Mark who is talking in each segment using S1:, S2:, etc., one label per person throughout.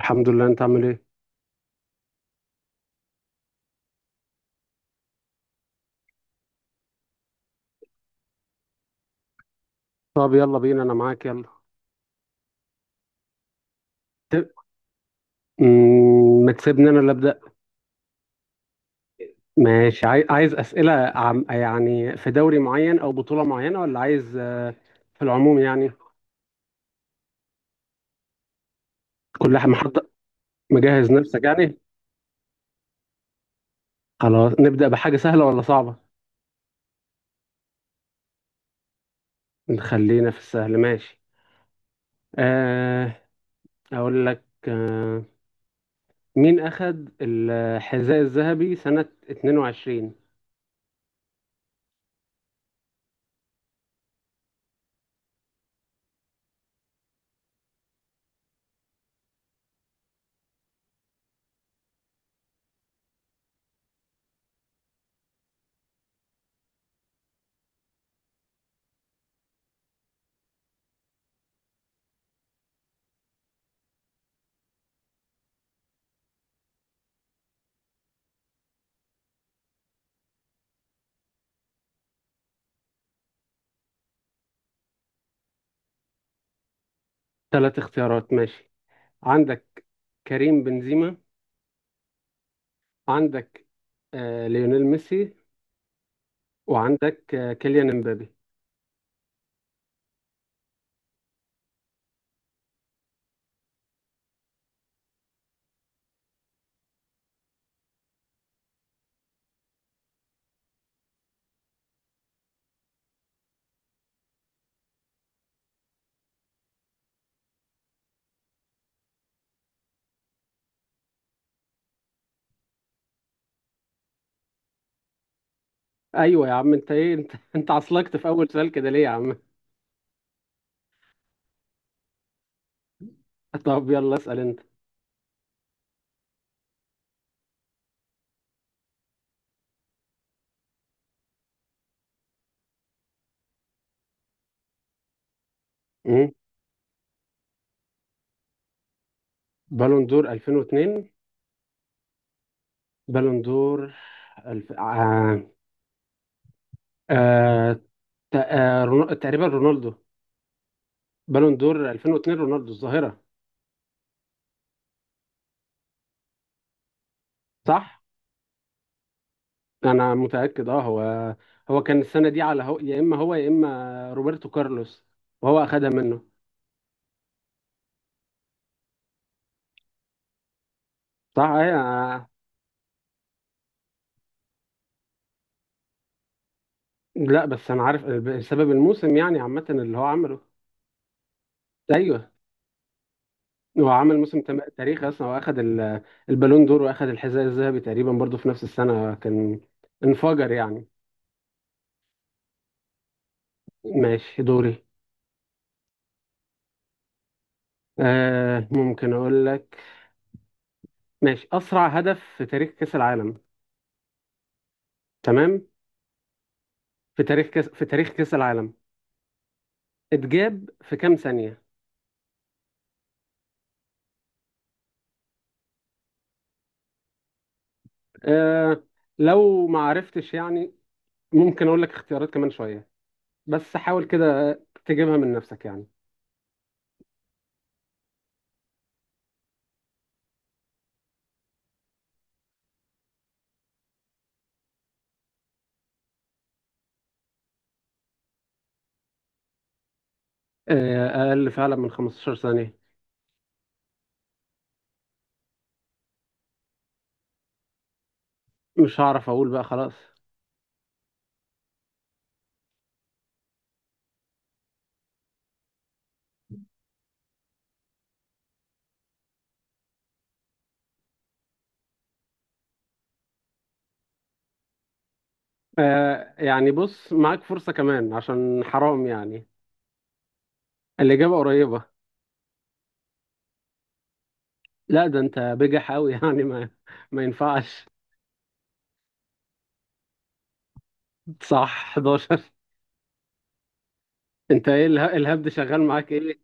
S1: الحمد لله، انت عامل ايه؟ طب يلا بينا، انا معاك، يلا. ت- مم، ما تسيبني انا اللي ابدا. ماشي، عايز اسئله عم يعني في دوري معين او بطوله معينه، ولا عايز في العموم يعني؟ كل واحد محضر، مجهز نفسك يعني. خلاص، نبدا بحاجه سهله ولا صعبه؟ نخلينا في السهل، ماشي. آه، اقول لك، مين اخذ الحذاء الذهبي سنه 22؟ ثلاث اختيارات، ماشي. عندك كريم بنزيما، عندك ليونيل ميسي، وعندك كيليان امبابي. ايوه يا عم، انت ايه؟ انت انت عصلكت في اول سؤال كده ليه يا عم؟ طب يلا، اسال انت. مم. بالون دور 2002؟ بالون دور، الف... آه... آه... ت- آه... رونو... تقريبا رونالدو. بالون دور 2002، رونالدو الظاهرة، صح. انا متأكد. اه، هو كان السنة دي على هو... يا اما هو، يا اما روبرتو كارلوس، وهو اخدها منه. صح، ايوه. لا بس انا عارف بسبب الموسم يعني عامه اللي هو عمله. ايوه، هو عمل موسم تاريخي اصلا، واخد البالون دور، واخد الحذاء الذهبي تقريبا برضو في نفس السنه، كان انفجر يعني. ماشي، دوري. ممكن اقول لك. ماشي، اسرع هدف في تاريخ كاس العالم. تمام، في تاريخ كاس العالم اتجاب في كام ثانيه؟ آه لو ما عرفتش يعني، ممكن اقول لك اختيارات كمان شويه، بس حاول كده تجيبها من نفسك يعني. اقل فعلا من 15 ثانية. مش هعرف اقول بقى، خلاص. يعني بص، معاك فرصة كمان عشان حرام يعني، الإجابة قريبة. لا، ده انت بجح قوي. يعني ما ينفعش. صح، 11. انت ايه؟ الهبد شغال معاك ايه؟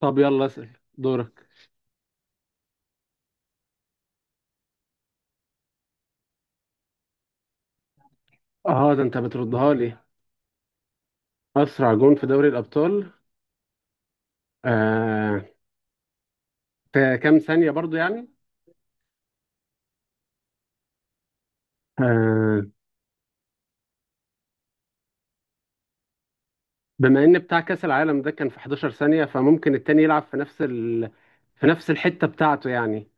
S1: طب يلا اسأل، دورك. اه، ده انت بتردها لي. اسرع جون في دوري الابطال؟ آه في كام ثانية برضو يعني. آه بما ان بتاع كاس العالم ده كان في 11 ثانية، فممكن التاني يلعب في في نفس الحتة بتاعته يعني.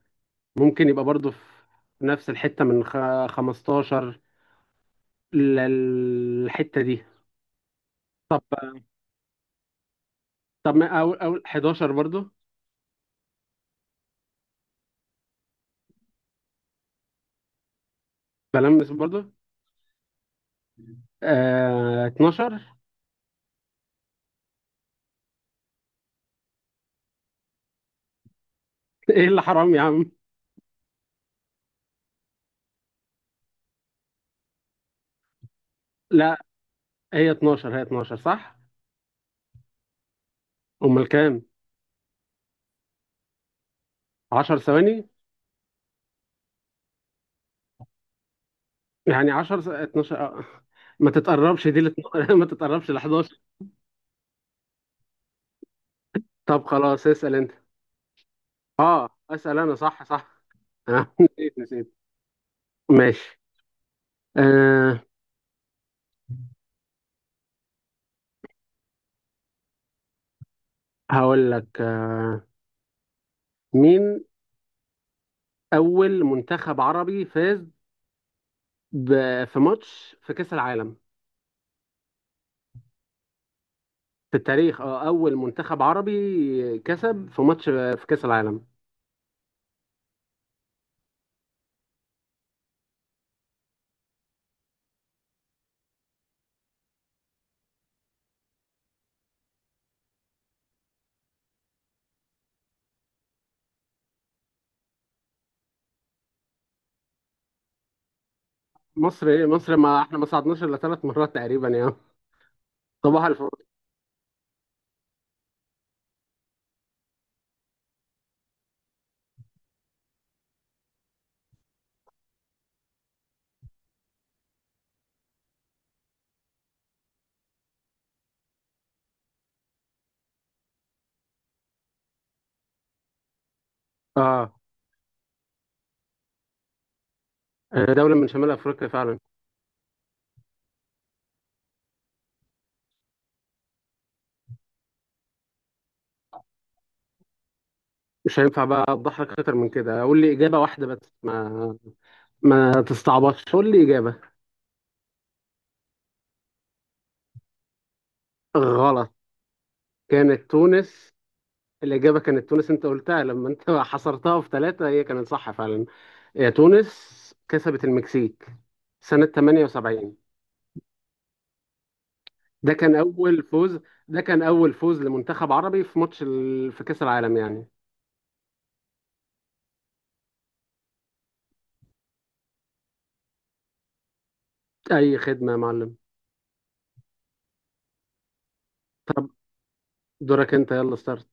S1: ممكن يبقى برضه في نفس الحتة، من 15 للحتة دي. طب طب، ما اول 11 برضه. بلمس برضه. 12. ايه اللي حرام يا عم؟ لا، هي 12، هي 12، صح. امال كام؟ 10 ثواني؟ يعني 12 آه. ما تتقربش دي لت... ما تتقربش ل 11. طب خلاص، اسأل انت. اه، اسال انا، صح صح. انا نسيت نسيت، ماشي. أه هقول لك، مين اول منتخب عربي فاز في ماتش في كاس العالم؟ في التاريخ. اه اول منتخب عربي كسب في ماتش في كاس العالم. مصر ايه؟ مصر، ما احنا ما صعدناش الا ثلاث مرات تقريبا يا صباح الفل. اه، دولة من شمال افريقيا فعلا. مش هينفع بقى اوضح لك اكتر من كده، قول لي اجابة واحدة بس، ما تستعبطش، قول لي اجابة. غلط، كانت تونس. الإجابة كانت تونس، أنت قلتها لما أنت حصرتها في ثلاثة، هي كانت صح فعلا، هي تونس، كسبت المكسيك سنة 78. ده كان أول فوز ده كان أول فوز لمنتخب عربي في في كأس العالم يعني. أي خدمة يا معلم. طب، دورك أنت، يلا ستارت.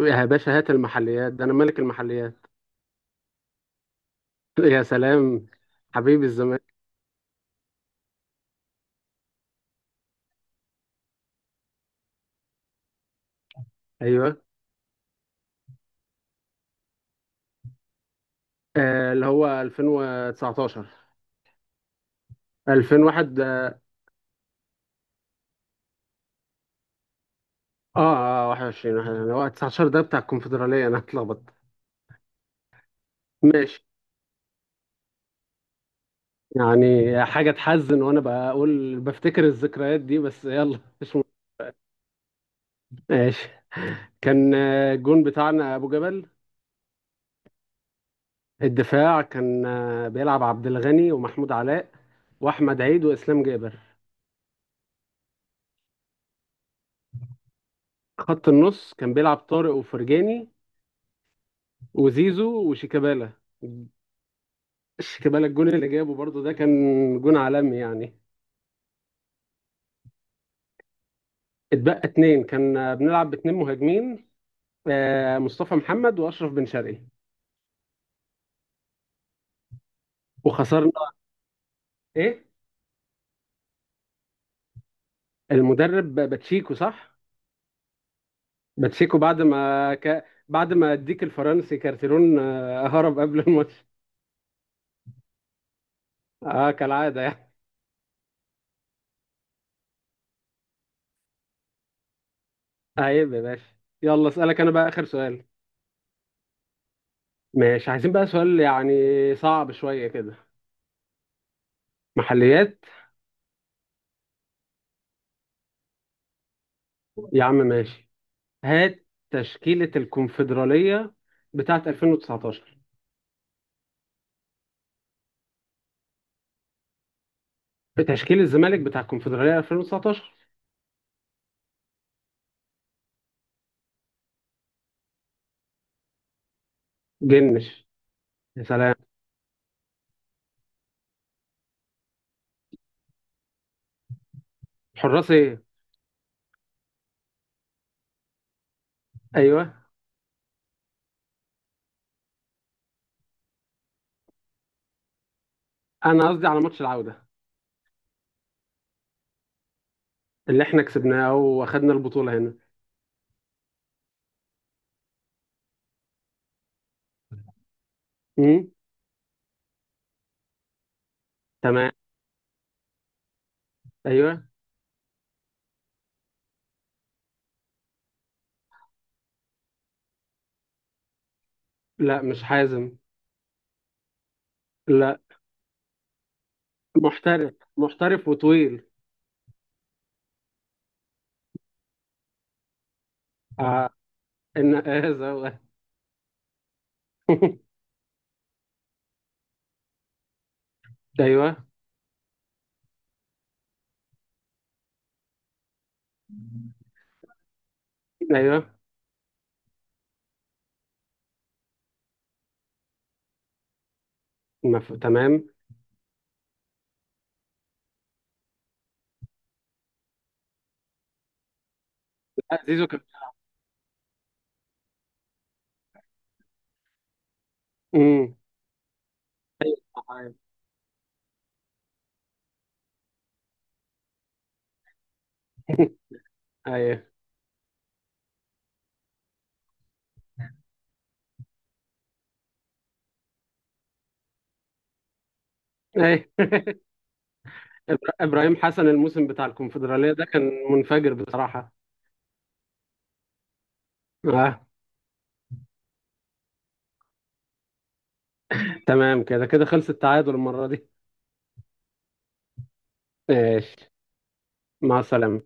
S1: يا باشا، هات المحليات، ده أنا ملك المحليات. يا سلام، حبيبي الزمان. أيوه، اللي هو 2019؟ 2001؟ اه 21، 21. هو 19 ده بتاع الكونفدرالية، انا اتلخبطت. ماشي. يعني حاجة تحزن وانا بقول بفتكر الذكريات دي، بس يلا مش مهم. ماشي. كان الجون بتاعنا ابو جبل. الدفاع كان بيلعب عبد الغني ومحمود علاء واحمد عيد واسلام جابر. خط النص كان بيلعب طارق وفرجاني وزيزو وشيكابالا. شيكابالا، الجون اللي جابه برضو ده كان جون عالمي يعني. اتبقى اتنين، كان بنلعب باتنين مهاجمين، مصطفى محمد واشرف بن شرقي. وخسرنا. ايه؟ المدرب باتشيكو، صح. باتشيكو، بعد ما اديك الفرنسي كارتيرون، هرب قبل الماتش. اه، كالعاده يعني. عيب يا باشا. يلا اسالك انا بقى اخر سؤال. ماشي، عايزين بقى سؤال يعني صعب شويه كده. محليات. يا عم ماشي، هات. تشكيله الكونفدراليه بتاعت 2019. تشكيل الزمالك بتاع الكونفدراليه 2019. جنش. يا سلام. حراس ايه؟ ايوه، انا قصدي على ماتش العودة، اللي احنا كسبناه واخدنا البطولة هنا. امم. تمام. ايوه. لا، مش حازم. لا، محترف، محترف وطويل. آه ان هذا هو. ايوه، ايوه. تمام. لا، زيزو كان. امم. ايوه، ايوه. ابراهيم حسن، الموسم بتاع الكونفدرالية ده كان منفجر بصراحة. آه. تمام كده، كده خلص التعادل المرة دي. ماشي. مع السلامة.